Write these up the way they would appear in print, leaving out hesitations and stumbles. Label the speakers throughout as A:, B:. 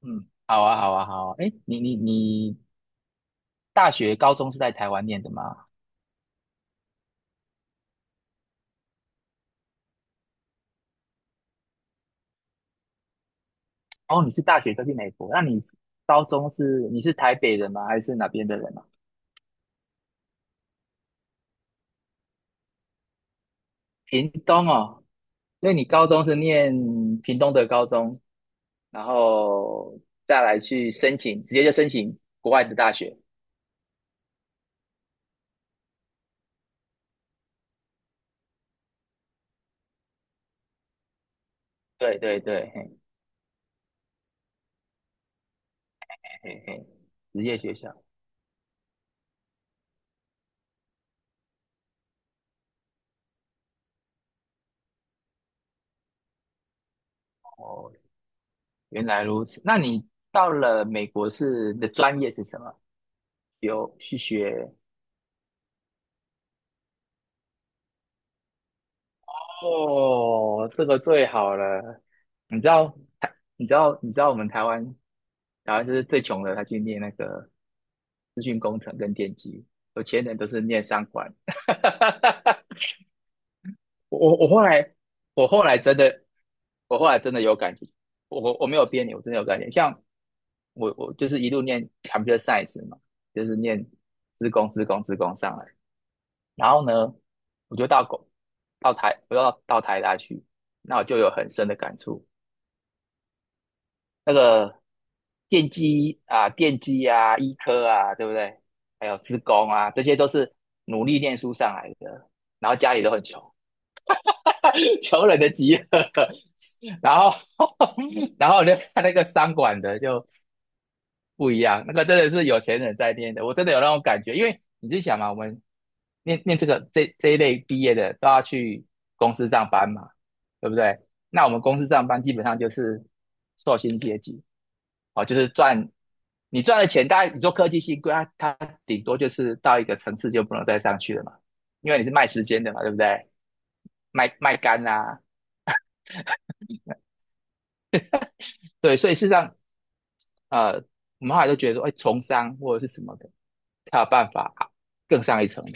A: 嗯，好啊，好啊，好啊。哎，你大学、高中是在台湾念的吗？哦，你是大学都去美国，那你高中是你是台北人吗？还是哪边的人啊？屏东哦，所以你高中是念屏东的高中，然后再来去申请，直接就申请国外的大学。对对对，嘿嘿嘿，职业学校。哦，原来如此。那你到了美国是你的专业是什么？有去学？哦，这个最好了。你知道台，你知道我们台湾，台湾就是最穷的，他去念那个资讯工程跟电机，有钱人都是念商管。我我我后来，我后来真的，我后来真的有感觉，我没有编你，我真的有感觉。像我就是一路念 computer science 嘛，就是念资工上来。然后呢，我就到狗我就到台大去，那我就有很深的感触。那个电机啊、医科啊，对不对？还有资工啊，这些都是努力念书上来的，然后家里都很穷，穷人的集合。然后，然后我就看那个商管的，就不一样，那个真的是有钱人在念的，我真的有那种感觉，因为你自己想嘛，我们念这个这一类毕业的都要去公司上班嘛，对不对？那我们公司上班基本上就是受薪阶级，哦，就是赚你赚的钱，大概你做科技系，贵，它顶多就是到一个层次就不能再上去了嘛，因为你是卖时间的嘛，对不对？卖肝啊，对，所以事实上，呃，我们后来都觉得说，哎，从商或者是什么的，才有办法更上一层楼，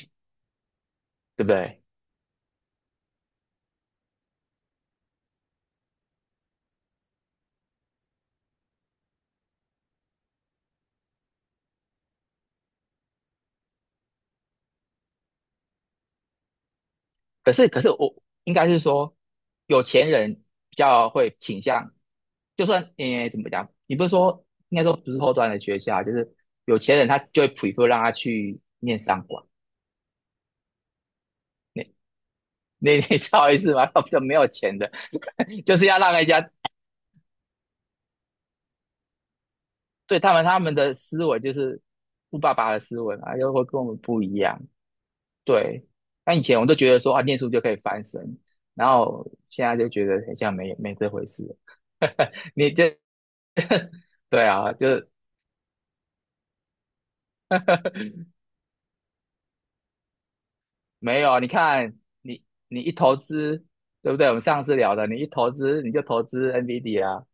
A: 对不对？可是我应该是说，有钱人比较会倾向，就算怎么讲，你不是说应该说不是后端的学校，就是有钱人他就会 prefer 让他去念商管，你 你知道我意思吗？比较没有钱的，就是要让人家对他们的思维就是富爸爸的思维嘛，又会跟我们不一样。对，那以前我都觉得说啊，念书就可以翻身，然后现在就觉得很像没这回事。你这对啊，就是没有啊。你看，你一投资，对不对？我们上次聊的，你一投资你就投资 NVD 啊，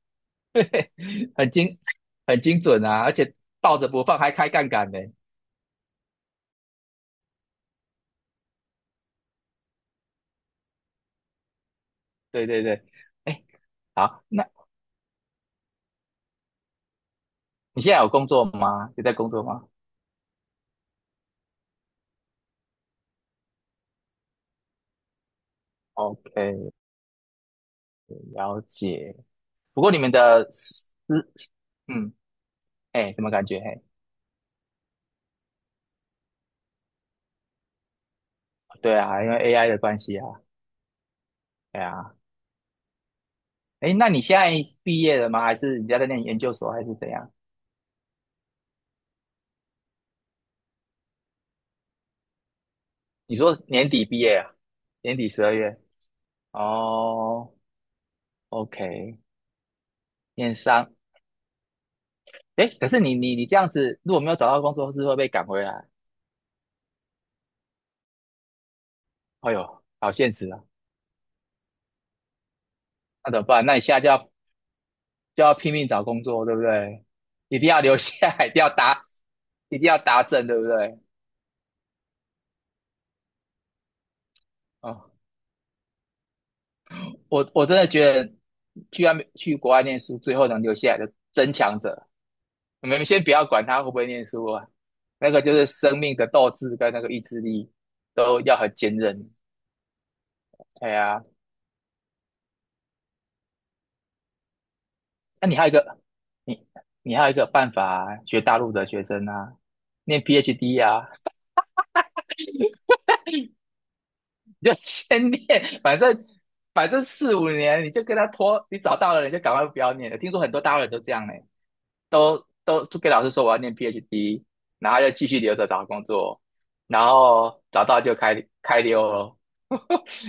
A: 很精很精准啊，而且抱着不放还开杠杆呢。对对对，哎，好，那你现在有工作吗？有在工作吗？OK，了解。不过你们的私，嗯，哎，什么感觉？嘿对啊，因为 AI 的关系啊，对啊。哎，那你现在毕业了吗？还是你在那念研究所，还是怎样？你说年底毕业啊？年底十二月？哦，OK，念商。哎，可是你这样子，如果没有找到工作，是会被赶回来。哎呦，好现实啊！那怎么办？那你现在就要拼命找工作，对不对？一定要留下来一定要答正，对不对？哦我真的觉得去外面去国外念书，最后能留下来的争强者，我们先不要管他会不会念书啊，那个就是生命的斗志跟那个意志力都要很坚韧。对啊，那你还有一个，你你还有一个办法啊学大陆的学生啊，念 PhD 啊，你就先念，反正反正四五年你就跟他拖，你找到了你就赶快不要念了。听说很多大陆人都这样呢、都就跟老师说我要念 PhD，然后就继续留着找工作，然后找到就开溜了，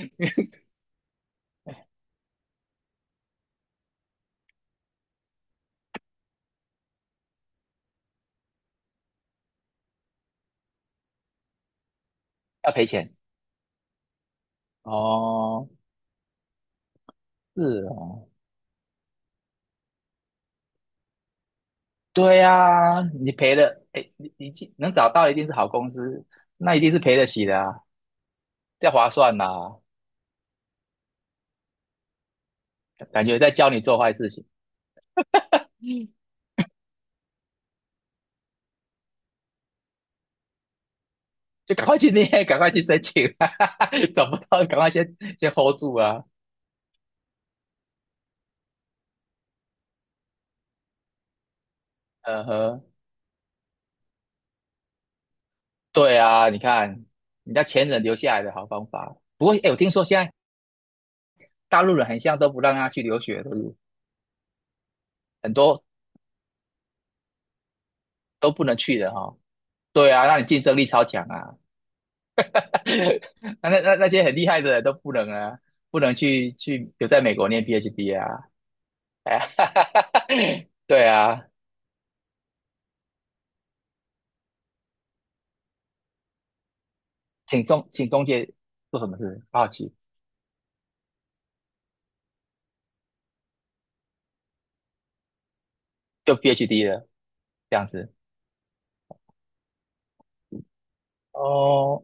A: 要赔钱哦，是哦，对啊，你赔了，哎，你既能找到一定是好公司，那一定是赔得起的啊，这划算呐、感觉在教你做坏事情，就赶快去念，赶快去申请啊，找不到赶快先 hold 住啊，呃呵，对啊，你看人家前人留下来的好方法，不过哎，我听说现在大陆人很像都不让他去留学，对不对很多都不能去的哈、哦。对啊，那你竞争力超强啊！那那些很厉害的人都不能啊，不能去留在美国念 PhD 啊！哎呀，对啊，请中介做什么事？好奇，就 PhD 了这样子哦，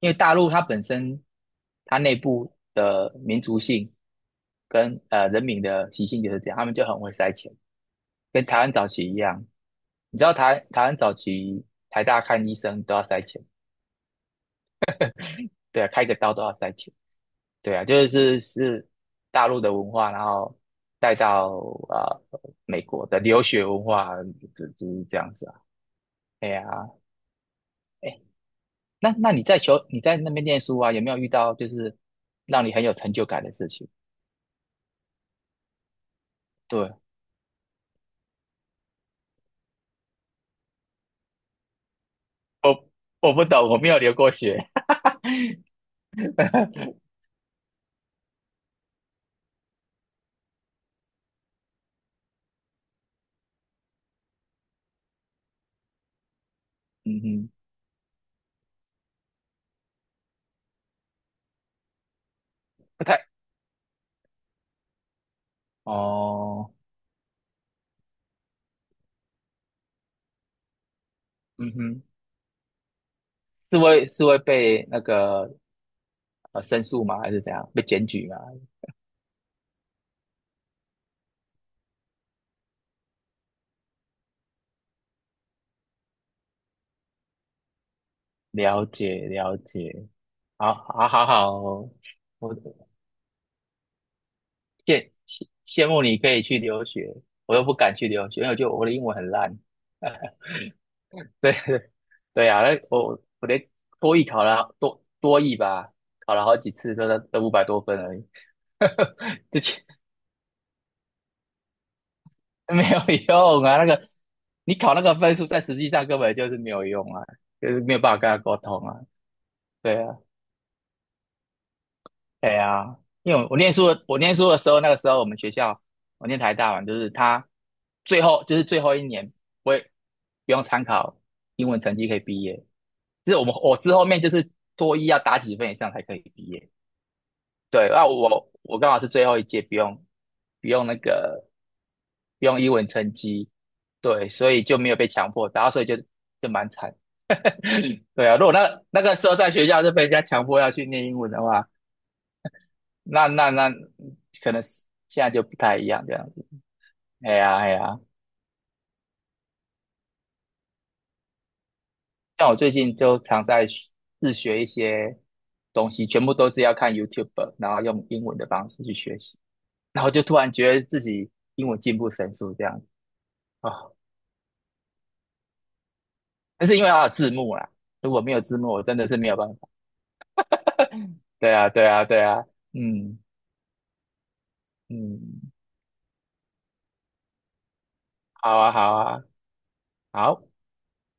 A: 因为大陆它本身它内部的民族性跟人民的习性就是这样，他们就很会塞钱，跟台湾早期一样，你知道台湾早期台大看医生都要塞钱，对啊，开个刀都要塞钱，对啊，就是大陆的文化，然后带到呃美国的留学文化，就是这样子啊。哎呀、哎，那你在那边念书啊，有没有遇到就是让你很有成就感的事情？对，我我不懂，我没有留过学，嗯哼，不太哦，嗯哼，是会被那个申诉吗？还是怎样？被检举吗？了解了解，好，好，好，好，我羡慕你可以去留学，我又不敢去留学，因为就我的英文很烂。对对对啊，那我连多译考了多译吧，考了好几次都在都五百多分而已，之前没有用啊。那个你考那个分数，在实际上根本就是没有用啊，就是没有办法跟他沟通啊。对啊。对呀，因为我念书的时候，那个时候我们学校，我念台大嘛，就是他最后一年不会不用参考英文成绩可以毕业，就是我们我之后面就是多一要打几分以上才可以毕业。对，那我刚好是最后一届不用那个不用英文成绩，对，所以就没有被强迫，打，后所以就蛮惨。对啊，如果那个时候在学校就被人家强迫要去念英文的话，那可能是现在就不太一样这样子。哎呀哎呀，像我最近就常在学自学一些东西，全部都是要看 YouTube，然后用英文的方式去学习，然后就突然觉得自己英文进步神速这样子啊。但是因为它有字幕啦，如果没有字幕，我真的是没有办法。对啊对啊对啊，嗯嗯，好啊好啊好。